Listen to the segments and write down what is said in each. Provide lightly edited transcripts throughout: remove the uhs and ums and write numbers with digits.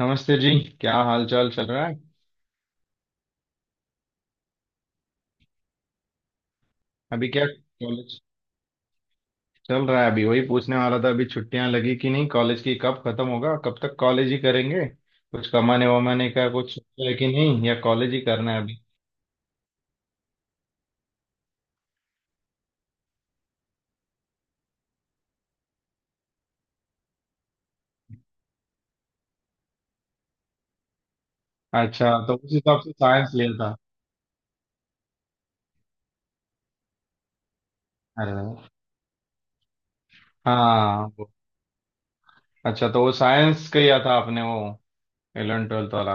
नमस्ते जी। क्या हाल चाल चल रहा है। अभी क्या कॉलेज चल रहा है। अभी वही पूछने वाला था, अभी छुट्टियां लगी कि नहीं, कॉलेज की कब खत्म होगा, कब तक कॉलेज ही करेंगे, कुछ कमाने वमाने का कुछ सोचा है कि नहीं, या कॉलेज ही करना है अभी। अच्छा, तो उस हिसाब से साइंस लिया था। अरे वाह। हाँ वो- अच्छा, तो वो साइंस किया था आपने, वो 11th 12th वाला।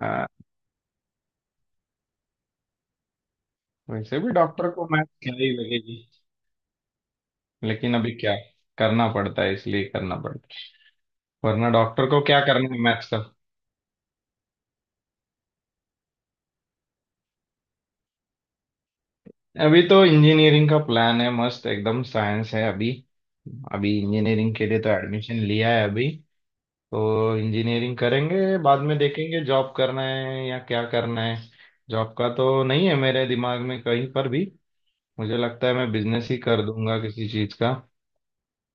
हाँ, वैसे भी डॉक्टर को मैथ क्या ही लगेगी। लेकिन अभी क्या करना पड़ता है, इसलिए करना पड़ता है, वरना डॉक्टर को क्या करना है मैथ्स का। अभी तो इंजीनियरिंग का प्लान है, मस्त एकदम साइंस है अभी। अभी इंजीनियरिंग के लिए तो एडमिशन लिया है अभी। तो इंजीनियरिंग करेंगे, बाद में देखेंगे जॉब करना है या क्या करना है। जॉब का तो नहीं है मेरे दिमाग में कहीं पर भी। मुझे लगता है मैं बिजनेस ही कर दूंगा किसी चीज का।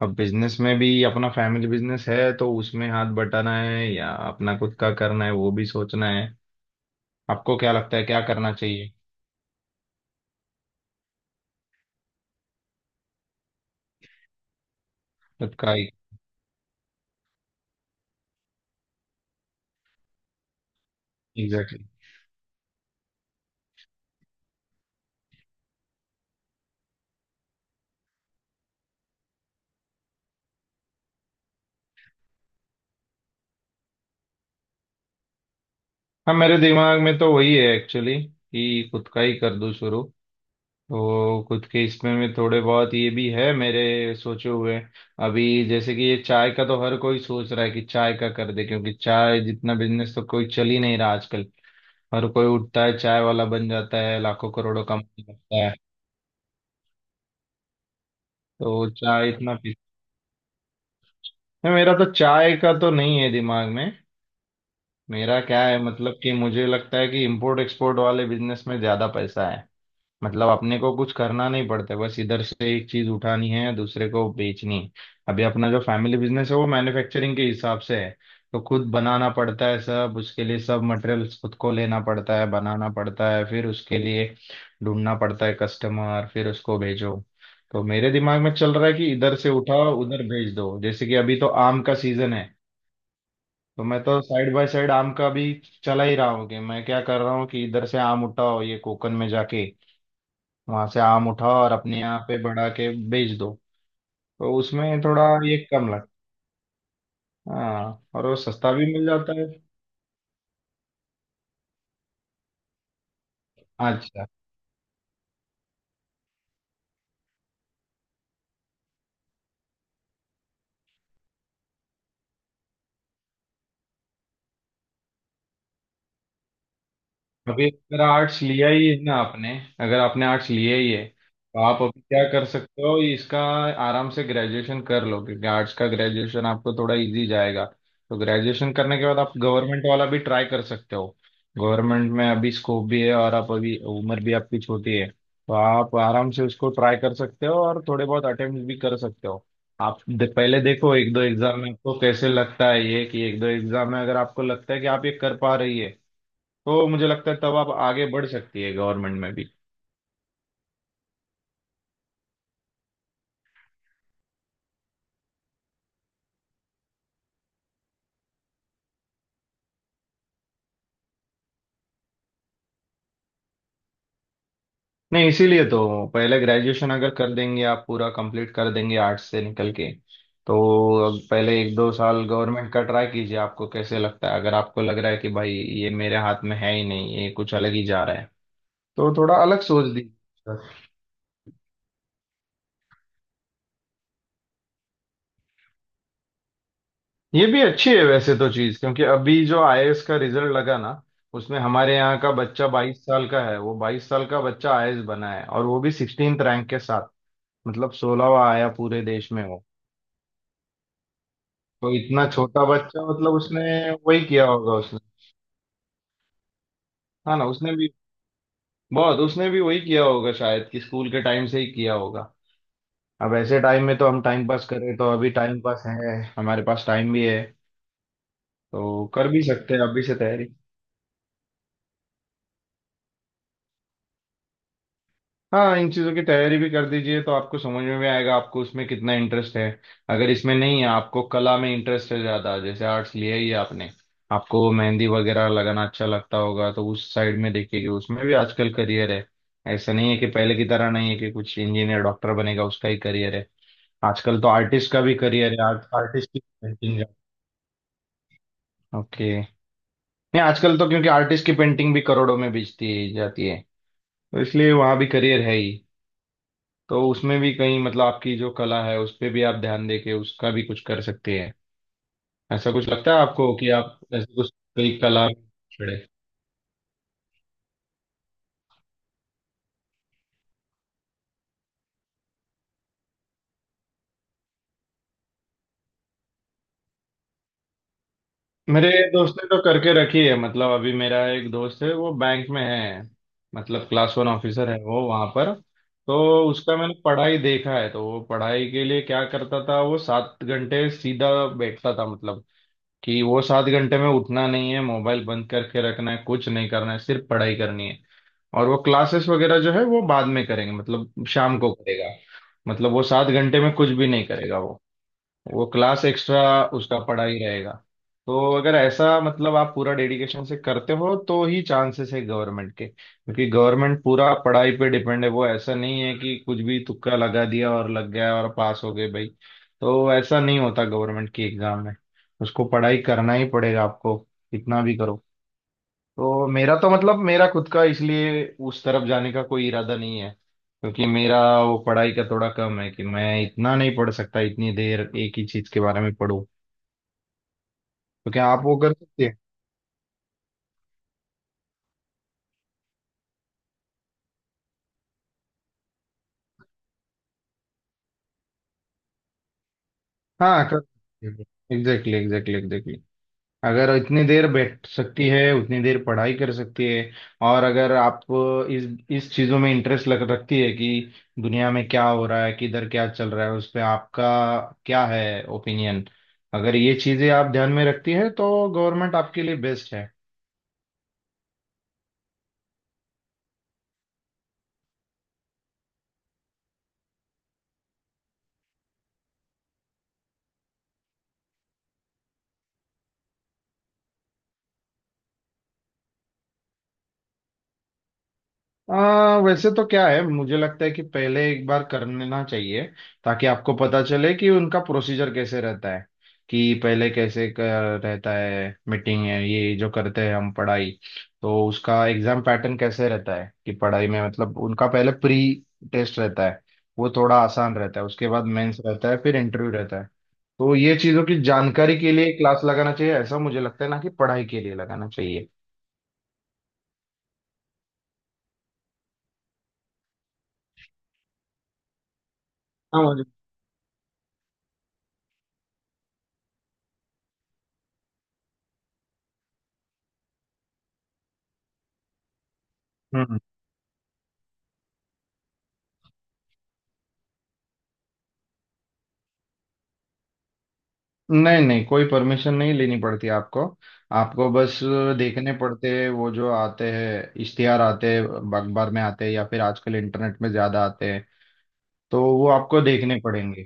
अब बिजनेस में भी, अपना फैमिली बिजनेस है तो उसमें हाथ बटाना है या अपना खुद का करना है, वो भी सोचना है। आपको क्या लगता है क्या करना चाहिए। खुद का एग्जैक्टली। हाँ, मेरे दिमाग में तो वही है एक्चुअली, कि खुद का ही कर दूं शुरू। तो खुद के इसमें में थोड़े बहुत ये भी है मेरे सोचे हुए। अभी जैसे कि ये चाय का तो हर कोई सोच रहा है कि चाय का कर दे, क्योंकि चाय जितना बिजनेस तो कोई चल ही नहीं रहा आजकल। हर कोई उठता है चाय वाला बन जाता है, लाखों करोड़ों कमाने लगता है। तो चाय इतना पी। नहीं, मेरा तो चाय का तो नहीं है दिमाग में। मेरा क्या है मतलब कि मुझे लगता है कि इम्पोर्ट एक्सपोर्ट वाले बिजनेस में ज्यादा पैसा है। मतलब अपने को कुछ करना नहीं पड़ता, बस इधर से एक चीज उठानी है दूसरे को बेचनी है। अभी अपना जो फैमिली बिजनेस है वो मैन्युफैक्चरिंग के हिसाब से है। तो खुद बनाना पड़ता है सब, उसके लिए सब मटेरियल्स खुद को लेना पड़ता है, बनाना पड़ता है, फिर उसके लिए ढूंढना पड़ता है कस्टमर, फिर उसको भेजो। तो मेरे दिमाग में चल रहा है कि इधर से उठाओ उधर भेज दो, जैसे कि अभी तो आम का सीजन है। तो मैं तो साइड बाय साइड आम का भी चला ही रहा हूँ। कि मैं क्या कर रहा हूँ कि इधर से आम उठाओ, ये कोकन में जाके वहां से आम उठाओ और अपने यहाँ पे बढ़ा के बेच दो। तो उसमें थोड़ा ये कम लगता है। हाँ, और वो सस्ता भी मिल जाता है। अच्छा। अभी अगर आर्ट्स लिया ही है ना आपने, अगर आपने आर्ट्स लिया ही है तो आप अभी क्या कर सकते हो इसका। आराम से ग्रेजुएशन कर लो, क्योंकि आर्ट्स का ग्रेजुएशन आपको थोड़ा इजी जाएगा। तो ग्रेजुएशन करने के बाद आप गवर्नमेंट वाला भी ट्राई कर सकते हो। गवर्नमेंट में अभी स्कोप भी है, और आप अभी उम्र भी आपकी छोटी है, तो आप आराम से उसको ट्राई कर सकते हो और थोड़े बहुत अटेम्प्ट भी कर सकते हो। पहले देखो एक दो एग्जाम में आपको कैसे लगता है, ये कि एक दो एग्जाम में अगर आपको लगता है कि आप ये कर पा रही है, तो मुझे लगता है तब आप आगे बढ़ सकती है गवर्नमेंट में भी। नहीं, इसीलिए तो पहले ग्रेजुएशन अगर कर देंगे, आप पूरा कंप्लीट कर देंगे आर्ट्स से निकल के, तो अब पहले एक दो साल गवर्नमेंट का ट्राई कीजिए, आपको कैसे लगता है। अगर आपको लग रहा है कि भाई ये मेरे हाथ में है ही नहीं, ये कुछ अलग ही जा रहा है, तो थोड़ा अलग सोच दीजिए। ये भी अच्छी है वैसे तो चीज, क्योंकि अभी जो आईएएस का रिजल्ट लगा ना, उसमें हमारे यहाँ का बच्चा 22 साल का है। वो बाईस साल का बच्चा आईएएस बना है, और वो भी 16th रैंक के साथ। मतलब 16वां आया पूरे देश में हो। तो इतना छोटा बच्चा मतलब उसने वही किया होगा उसने। हाँ ना, उसने भी बहुत, उसने भी वही किया होगा शायद, कि स्कूल के टाइम से ही किया होगा। अब ऐसे टाइम में तो हम टाइम पास करें, तो अभी टाइम पास है, हमारे पास टाइम भी है, तो कर भी सकते हैं अभी से तैयारी। हाँ, इन चीज़ों की तैयारी भी कर दीजिए, तो आपको समझ में भी आएगा आपको उसमें कितना इंटरेस्ट है। अगर इसमें नहीं है, आपको कला में इंटरेस्ट है ज़्यादा, जैसे आर्ट्स लिया ही है आपने, आपको मेहंदी वगैरह लगाना अच्छा लगता होगा, तो उस साइड में देखिए कि उसमें भी आजकल करियर है। ऐसा नहीं है कि पहले की तरह नहीं है कि कुछ इंजीनियर डॉक्टर बनेगा उसका ही करियर है। आजकल तो आर्टिस्ट का भी करियर है, आर्ट आर्टिस्ट की पेंटिंग। ओके। नहीं, आजकल तो क्योंकि आर्टिस्ट की पेंटिंग भी करोड़ों में बेचती जाती है, तो इसलिए वहाँ भी करियर है ही। तो उसमें भी कहीं मतलब आपकी जो कला है उस पे भी आप ध्यान दे के उसका भी कुछ कर सकते हैं। ऐसा कुछ लगता है आपको कि आप ऐसे कुछ कोई कला छोड़े। मेरे दोस्त ने तो करके रखी है, मतलब अभी मेरा एक दोस्त है वो बैंक में है, मतलब क्लास वन ऑफिसर है वो वहाँ पर। तो उसका मैंने पढ़ाई देखा है, तो वो पढ़ाई के लिए क्या करता था, वो 7 घंटे सीधा बैठता था। मतलब कि वो 7 घंटे में उठना नहीं है, मोबाइल बंद करके रखना है, कुछ नहीं करना है, सिर्फ पढ़ाई करनी है। और वो क्लासेस वगैरह जो है वो बाद में करेंगे, मतलब शाम को करेगा। मतलब वो 7 घंटे में कुछ भी नहीं करेगा वो क्लास एक्स्ट्रा उसका पढ़ाई रहेगा। तो अगर ऐसा मतलब आप पूरा डेडिकेशन से करते हो तो ही चांसेस है गवर्नमेंट के, क्योंकि गवर्नमेंट पूरा पढ़ाई पे डिपेंड है। वो ऐसा नहीं है कि कुछ भी तुक्का लगा दिया और लग गया और पास हो गए भाई। तो ऐसा नहीं होता गवर्नमेंट की एग्जाम में। उसको पढ़ाई करना ही पड़ेगा आपको, कितना भी करो। तो मेरा तो मतलब मेरा खुद का इसलिए उस तरफ जाने का कोई इरादा नहीं है, क्योंकि मेरा वो पढ़ाई का थोड़ा कम है कि मैं इतना नहीं पढ़ सकता, इतनी देर एक ही चीज के बारे में पढ़ूं। तो क्या आप वो कर सकते हैं। हाँ, कर सकते हैं। Exactly, exactly, exactly. अगर इतनी देर बैठ सकती है उतनी देर पढ़ाई कर सकती है। और अगर आप इस इस चीज़ों में इंटरेस्ट लग रखती है कि दुनिया में क्या हो रहा है, किधर क्या चल रहा है, उस पे आपका क्या है ओपिनियन, अगर ये चीज़ें आप ध्यान में रखती है तो गवर्नमेंट आपके लिए बेस्ट है। वैसे तो क्या है, मुझे लगता है कि पहले एक बार कर लेना चाहिए, ताकि आपको पता चले कि उनका प्रोसीजर कैसे रहता है, कि पहले कैसे कर रहता है। मीटिंग है ये जो करते हैं हम पढ़ाई। तो उसका एग्जाम पैटर्न कैसे रहता है, कि पढ़ाई में मतलब उनका पहले प्री टेस्ट रहता है, वो थोड़ा आसान रहता है, उसके बाद मेंस रहता है, फिर इंटरव्यू रहता है। तो ये चीज़ों की जानकारी के लिए क्लास लगाना चाहिए ऐसा मुझे लगता है, ना कि पढ़ाई के लिए लगाना चाहिए। हाँ भाई। नहीं नहीं, कोई परमिशन नहीं लेनी पड़ती आपको। आपको बस देखने पड़ते हैं वो, जो आते हैं इश्तिहार आते हैं, अखबार में आते हैं या फिर आजकल इंटरनेट में ज्यादा आते हैं, तो वो आपको देखने पड़ेंगे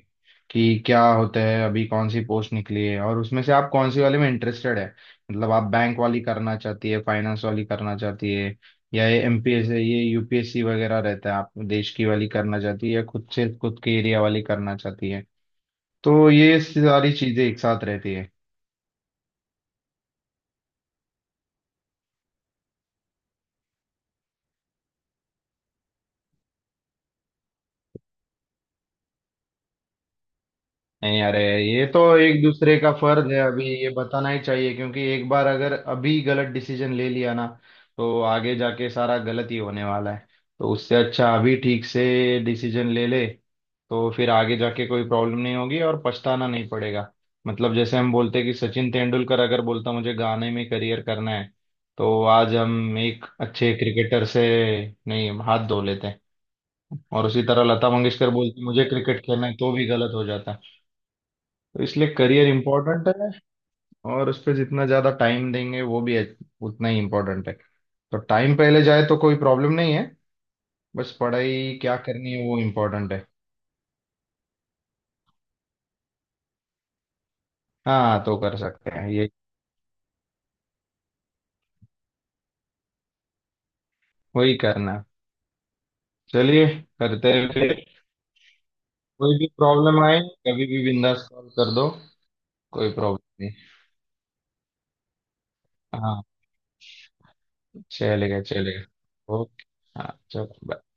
कि क्या होता है। अभी कौन सी पोस्ट निकली है, और उसमें से आप कौन सी वाले में इंटरेस्टेड है। मतलब आप बैंक वाली करना चाहती है, फाइनेंस वाली करना चाहती है, या ये एमपीएस, ये यूपीएससी वगैरह रहता है, आप देश की वाली करना चाहती है, या खुद से खुद के एरिया वाली करना चाहती है। तो ये सारी चीजें एक साथ रहती है। नहीं अरे, ये तो एक दूसरे का फर्ज है, अभी ये बताना ही चाहिए, क्योंकि एक बार अगर अभी गलत डिसीजन ले लिया ना, तो आगे जाके सारा गलत ही होने वाला है। तो उससे अच्छा अभी ठीक से डिसीजन ले ले, तो फिर आगे जाके कोई प्रॉब्लम नहीं होगी और पछताना नहीं पड़ेगा। मतलब जैसे हम बोलते हैं कि सचिन तेंदुलकर अगर बोलता मुझे गाने में करियर करना है, तो आज हम एक अच्छे क्रिकेटर से नहीं हाथ धो लेते हैं। और उसी तरह लता मंगेशकर बोलती मुझे क्रिकेट खेलना है, तो भी गलत हो जाता है। तो इसलिए करियर इम्पोर्टेंट है, और उस पर जितना ज़्यादा टाइम देंगे वो भी उतना ही इम्पोर्टेंट है। तो टाइम पहले जाए तो कोई प्रॉब्लम नहीं है, बस पढ़ाई क्या करनी है वो इम्पोर्टेंट है। हाँ, तो कर सकते हैं ये। वही करना है। चलिए, करते हैं फिर। कोई भी प्रॉब्लम आए कभी भी बिंदास कॉल कर दो, कोई प्रॉब्लम नहीं। हाँ, चलेगा चलेगा, ओके। हाँ चलो, bye।